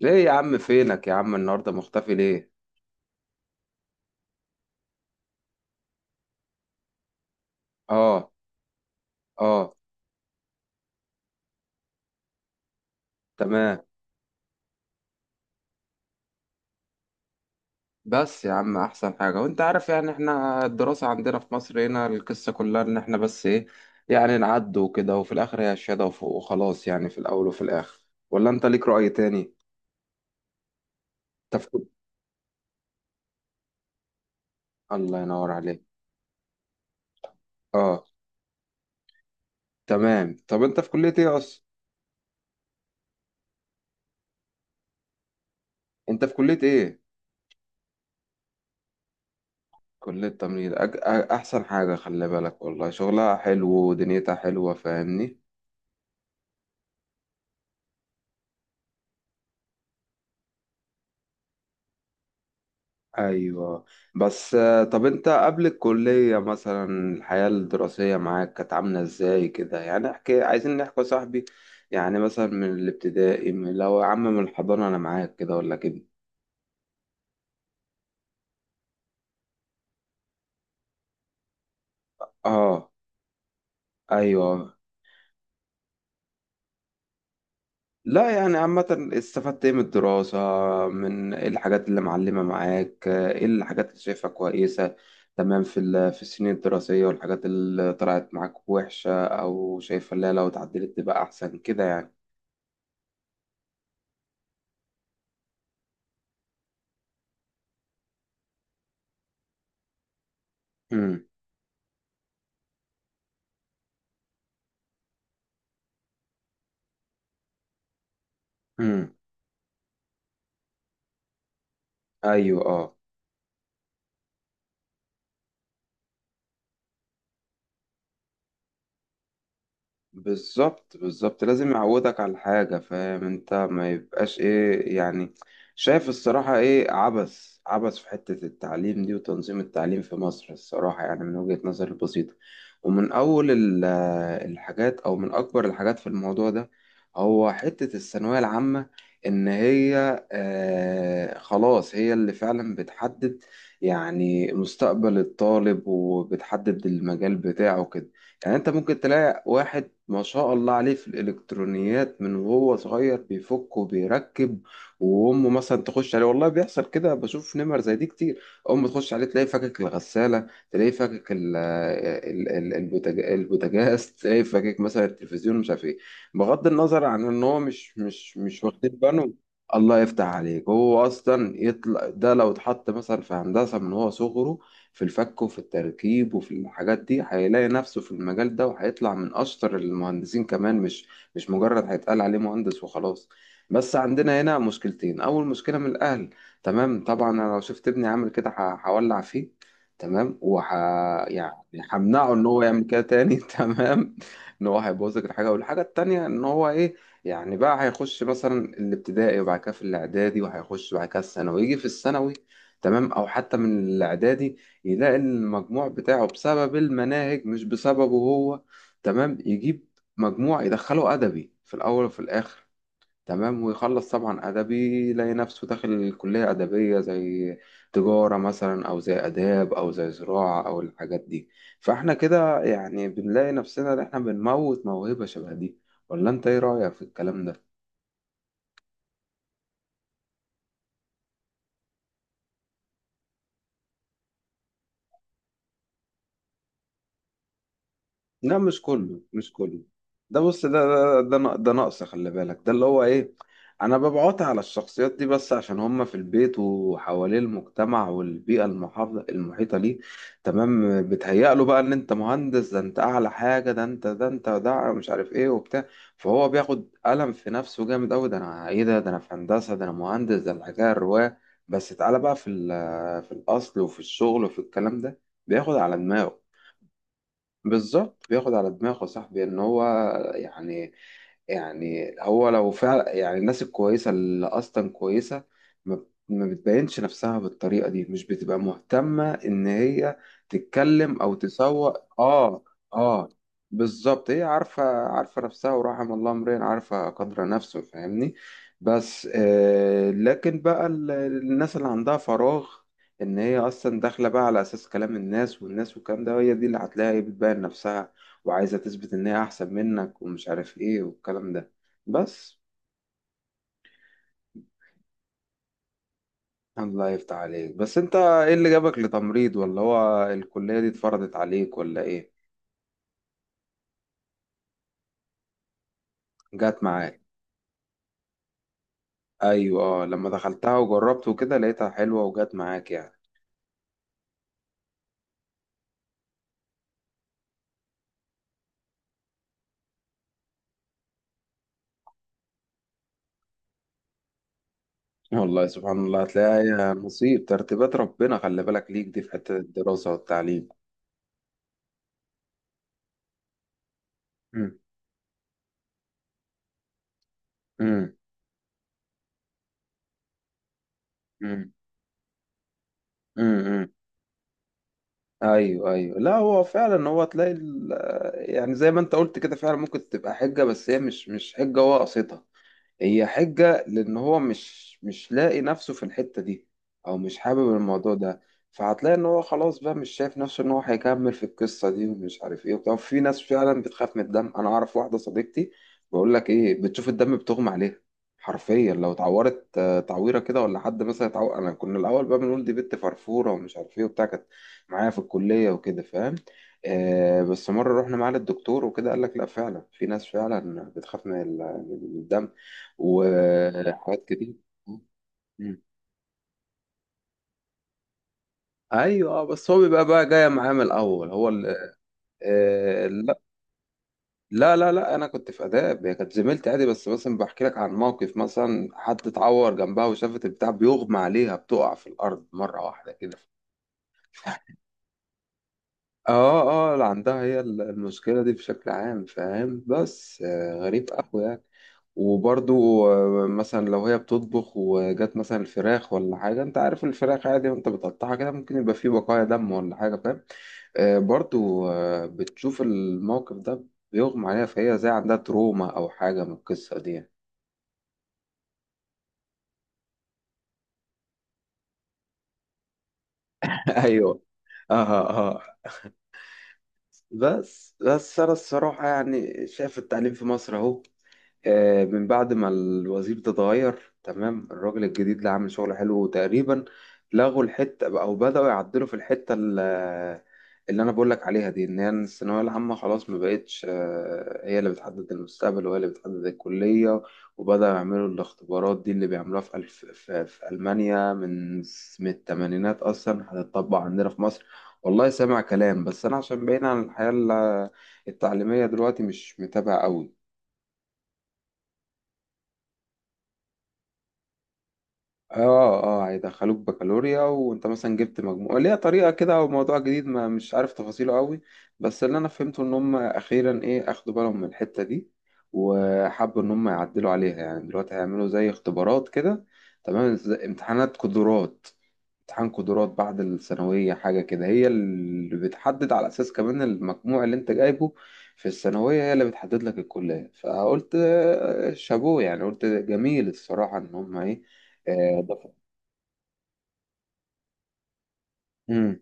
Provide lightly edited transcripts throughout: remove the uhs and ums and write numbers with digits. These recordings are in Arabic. ليه يا عم فينك يا عم النهارده مختفي ليه؟ اه. اه. تمام. بس يا عم، احسن حاجة وانت عارف، يعني احنا الدراسة عندنا في مصر، هنا القصة كلها ان احنا بس ايه، يعني نعدي وكده، وفي الاخر هي الشهادة، وخلاص يعني، في الاول وفي الاخر. ولا انت ليك رأي تاني؟ انت في كل- الله ينور عليك. اه. تمام، طب انت في كلية ايه اصلا؟ انت في كلية ايه؟ كلية تمريض. احسن حاجة، خلي بالك والله، شغلها حلو ودنيتها حلوة، فاهمني؟ ايوه. بس طب انت قبل الكلية مثلا، الحياة الدراسية معاك كانت عاملة ازاي كده؟ يعني احكي، عايزين نحكي يا صاحبي. يعني مثلا من الابتدائي، من لو يا عم من الحضانة، انا معاك كده ولا كده؟ اه. ايوه. لا، يعني عامة استفدت ايه من الدراسة؟ من ايه الحاجات اللي معلمة معاك؟ ايه الحاجات اللي شايفها كويسة تمام في السنين الدراسية؟ والحاجات اللي طلعت معاك وحشة او شايفها لا، لو اتعدلت تبقى احسن كده يعني. امم ايوه. اه، بالظبط بالظبط، لازم يعودك على حاجه، فاهم انت، ما يبقاش ايه يعني. شايف الصراحه ايه؟ عبث عبث في حته التعليم دي وتنظيم التعليم في مصر الصراحه، يعني من وجهه نظري البسيطه. ومن اول الحاجات، او من اكبر الحاجات في الموضوع ده، هو حته الثانويه العامه. ان هي خلاص، هي اللي فعلا بتحدد يعني مستقبل الطالب، وبتحدد المجال بتاعه كده. يعني انت ممكن تلاقي واحد ما شاء الله عليه في الالكترونيات من وهو صغير، بيفك وبيركب، وامه مثلا تخش عليه. والله بيحصل كده، بشوف نمر زي دي كتير. امه تخش عليه تلاقيه فكك الغساله، تلاقيه فكك البوتاجاز تلاقيه فكك مثلا التلفزيون، مش عارف ايه. بغض النظر عن ان هو مش واخدين بالهم. الله يفتح عليك، هو اصلا يطلع ده لو اتحط مثلا في هندسه من هو صغره، في الفك وفي التركيب وفي الحاجات دي، هيلاقي نفسه في المجال ده، وهيطلع من أشطر المهندسين كمان، مش مجرد هيتقال عليه مهندس وخلاص. بس عندنا هنا مشكلتين. أول مشكلة من الأهل، تمام؟ طبعا أنا لو شفت ابني عامل كده، هولع فيه. تمام، يعني همنعه ان هو يعمل كده تاني تمام، ان هو هيبوظ لك الحاجه. والحاجه التانيه ان هو ايه، يعني بقى هيخش مثلا الابتدائي، وبعد كده في الاعدادي، وهيخش بعد كده الثانوي، يجي في الثانوي تمام، او حتى من الاعدادي، يلاقي إن المجموع بتاعه بسبب المناهج، مش بسببه هو، تمام، يجيب مجموع يدخله أدبي في الأول وفي الآخر. تمام، ويخلص طبعا أدبي، يلاقي نفسه داخل كلية أدبية، زي تجارة مثلا، أو زي آداب، أو زي زراعة، أو الحاجات دي. فإحنا كده يعني بنلاقي نفسنا إن إحنا بنموت موهبة شبه دي. ولا أنت إيه رأيك في الكلام ده؟ لا، مش كله مش كله. ده بص، ده نقص، خلي بالك. ده اللي هو ايه، انا ببعت على الشخصيات دي بس عشان هم في البيت، وحواليه المجتمع والبيئة المحافظة المحيطة ليه، تمام، بتهيأ له بقى ان انت مهندس، ده انت اعلى حاجة، ده انت، ده انت، ده مش عارف ايه وبتاع. فهو بياخد قلم في نفسه جامد قوي: ده انا ايه؟ ده انا في هندسة، ده انا مهندس، ده الحكاية الرواية. بس تعالى بقى في الاصل وفي الشغل وفي الكلام ده، بياخد على دماغه. بالظبط، بياخد على دماغه صاحبي، ان هو يعني، هو لو فعلا يعني، الناس الكويسة اللي أصلا كويسة، ما بتبينش نفسها بالطريقة دي، مش بتبقى مهتمة إن هي تتكلم أو تسوق آه، بالظبط، هي عارفة، عارفة نفسها، ورحم الله امرئ عارفة قدر نفسه، فاهمني. بس لكن بقى الناس اللي عندها فراغ، إن هي أصلا داخلة بقى على أساس كلام الناس والناس والكلام ده، هي دي اللي هتلاقي بتبين نفسها، وعايزة تثبت إن هي أحسن منك ومش عارف إيه والكلام ده. بس. الله يفتح عليك. بس أنت إيه اللي جابك لتمريض؟ ولا هو الكلية دي اتفرضت عليك ولا إيه؟ جات معاك. أيوة. لما دخلتها وجربت وكده لقيتها حلوة وجات معاك يعني. والله سبحان الله، هتلاقيها هي نصيب، ترتيبات ربنا، خلي بالك ليك دي في حتة الدراسة والتعليم. مم. مم. مم. مم. ايوه ايوه، لا هو فعلا، هو تلاقي يعني زي ما انت قلت كده فعلا، ممكن تبقى حجه، بس هي مش حجه هو قصدها، هي حجة لأن هو مش لاقي نفسه في الحتة دي، أو مش حابب الموضوع ده. فهتلاقي إن هو خلاص بقى مش شايف نفسه إن هو هيكمل في القصة دي ومش عارف إيه وبتاع. في ناس فعلا بتخاف من الدم، أنا أعرف واحدة صديقتي بقول لك إيه، بتشوف الدم بتغمى عليها حرفيا. لو اتعورت تعويرة كده، ولا حد مثلا اتعور. أنا كنا الأول بقى بنقول دي بنت فرفورة ومش عارف إيه وبتاع، كانت معايا في الكلية وكده، فاهم. بس مرة رحنا معاه للدكتور وكده، قال لك لا فعلا في ناس فعلا بتخاف من الدم، وحاجات كتير. مم. ايوه اه، بس هو بيبقى بقى جايه معاه من الاول، هو آه لا لا لا لا، انا كنت في اداب، هي كانت زميلتي عادي، بس مثلا بحكي لك عن موقف مثلا حد اتعور جنبها وشافت البتاع بيغمى عليها، بتقع في الارض مره واحده كده. اه اه، اللي عندها هي المشكلة دي بشكل عام، فاهم؟ بس غريب قوي يعني. وبرضو مثلا لو هي بتطبخ وجات مثلا الفراخ ولا حاجة، انت عارف الفراخ عادي وانت بتقطعها كده ممكن يبقى فيه بقايا دم ولا حاجة، فاهم، برضو بتشوف الموقف ده بيغمى عليها. فهي زي عندها تروما او حاجة من القصة دي يعني. ايوه اه اه آه. بس انا الصراحة يعني شايف التعليم في مصر اهو من بعد ما الوزير ده اتغير تمام، الراجل الجديد اللي عامل شغل حلو، وتقريبا لغوا الحتة، أو بدأوا يعدلوا في الحتة اللي أنا بقولك عليها دي، إن هي الثانوية العامة خلاص ما بقتش هي اللي بتحدد المستقبل وهي اللي بتحدد الكلية. وبدأوا يعملوا الاختبارات دي اللي بيعملوها في ألمانيا من التمانينات أصلا، هتطبق عندنا في مصر. والله سامع كلام، بس أنا عشان بعيد عن الحياة التعليمية دلوقتي مش متابع أوي. اه. اه هيدخلوك بكالوريا، وانت مثلا جبت مجموع ليها طريقة كده، او موضوع جديد ما مش عارف تفاصيله قوي. بس اللي انا فهمته ان هم اخيرا ايه، اخدوا بالهم من الحتة دي، وحبوا ان هم يعدلوا عليها. يعني دلوقتي هيعملوا زي اختبارات كده تمام، زي امتحانات قدرات، امتحان قدرات بعد الثانوية حاجة كده هي اللي بتحدد، على أساس كمان المجموع اللي أنت جايبه في الثانوية هي اللي بتحدد لك الكلية. فقلت شابوه يعني، قلت جميل الصراحة إن هما إيه، ضافوا. مم.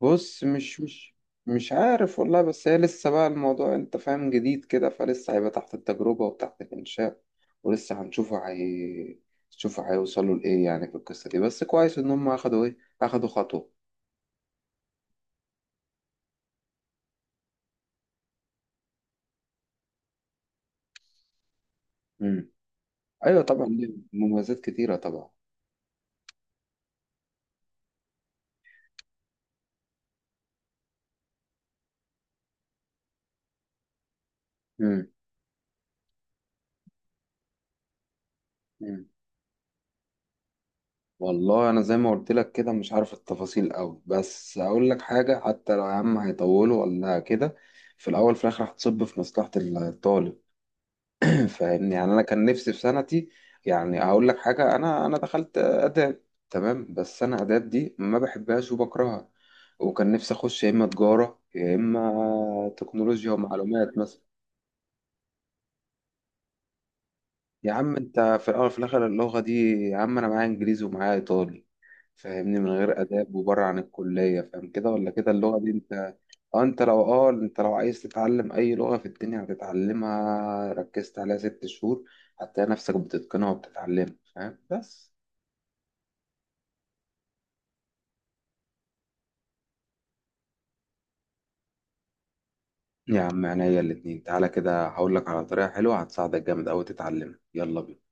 بص، مش عارف والله، بس هي لسه بقى الموضوع أنت فاهم جديد كده، فلسه هيبقى تحت التجربة وتحت الإنشاء، ولسه هنشوفه، هي شوفوا هيوصلوا لإيه يعني في القصة دي، بس كويس إن هما أخدوا خطوة. ايوه طبعا، ليه مميزات كتيره طبعا. مم. مم. والله انا زي ما قلت لك كده مش عارف التفاصيل قوي، بس اقول لك حاجه، حتى لو يا عم هيطولوا ولا كده، في الاول في الاخر هتصب في مصلحه الطالب. فاهمني، يعني انا كان نفسي في سنتي. يعني هقول لك حاجه، انا دخلت اداب تمام، بس انا اداب دي ما بحبهاش وبكرهها، وكان نفسي اخش يا اما تجاره، يا اما تكنولوجيا ومعلومات مثلا. يا عم انت في الاول في الاخر اللغه دي، يا عم انا معايا انجليزي ومعايا ايطالي، فاهمني، من غير آداب وبره عن الكلية، فاهم كده ولا كده، اللغة دي انت اه. انت لو اه، انت لو عايز تتعلم اي لغة في الدنيا هتتعلمها، ركزت عليها 6 شهور هتلاقي نفسك بتتقنها وبتتعلمها، فاهم بس. يا عم عينيا الاتنين، تعالى كده هقول لك على طريقة حلوة هتساعدك جامد أوي تتعلمها، يلا بينا.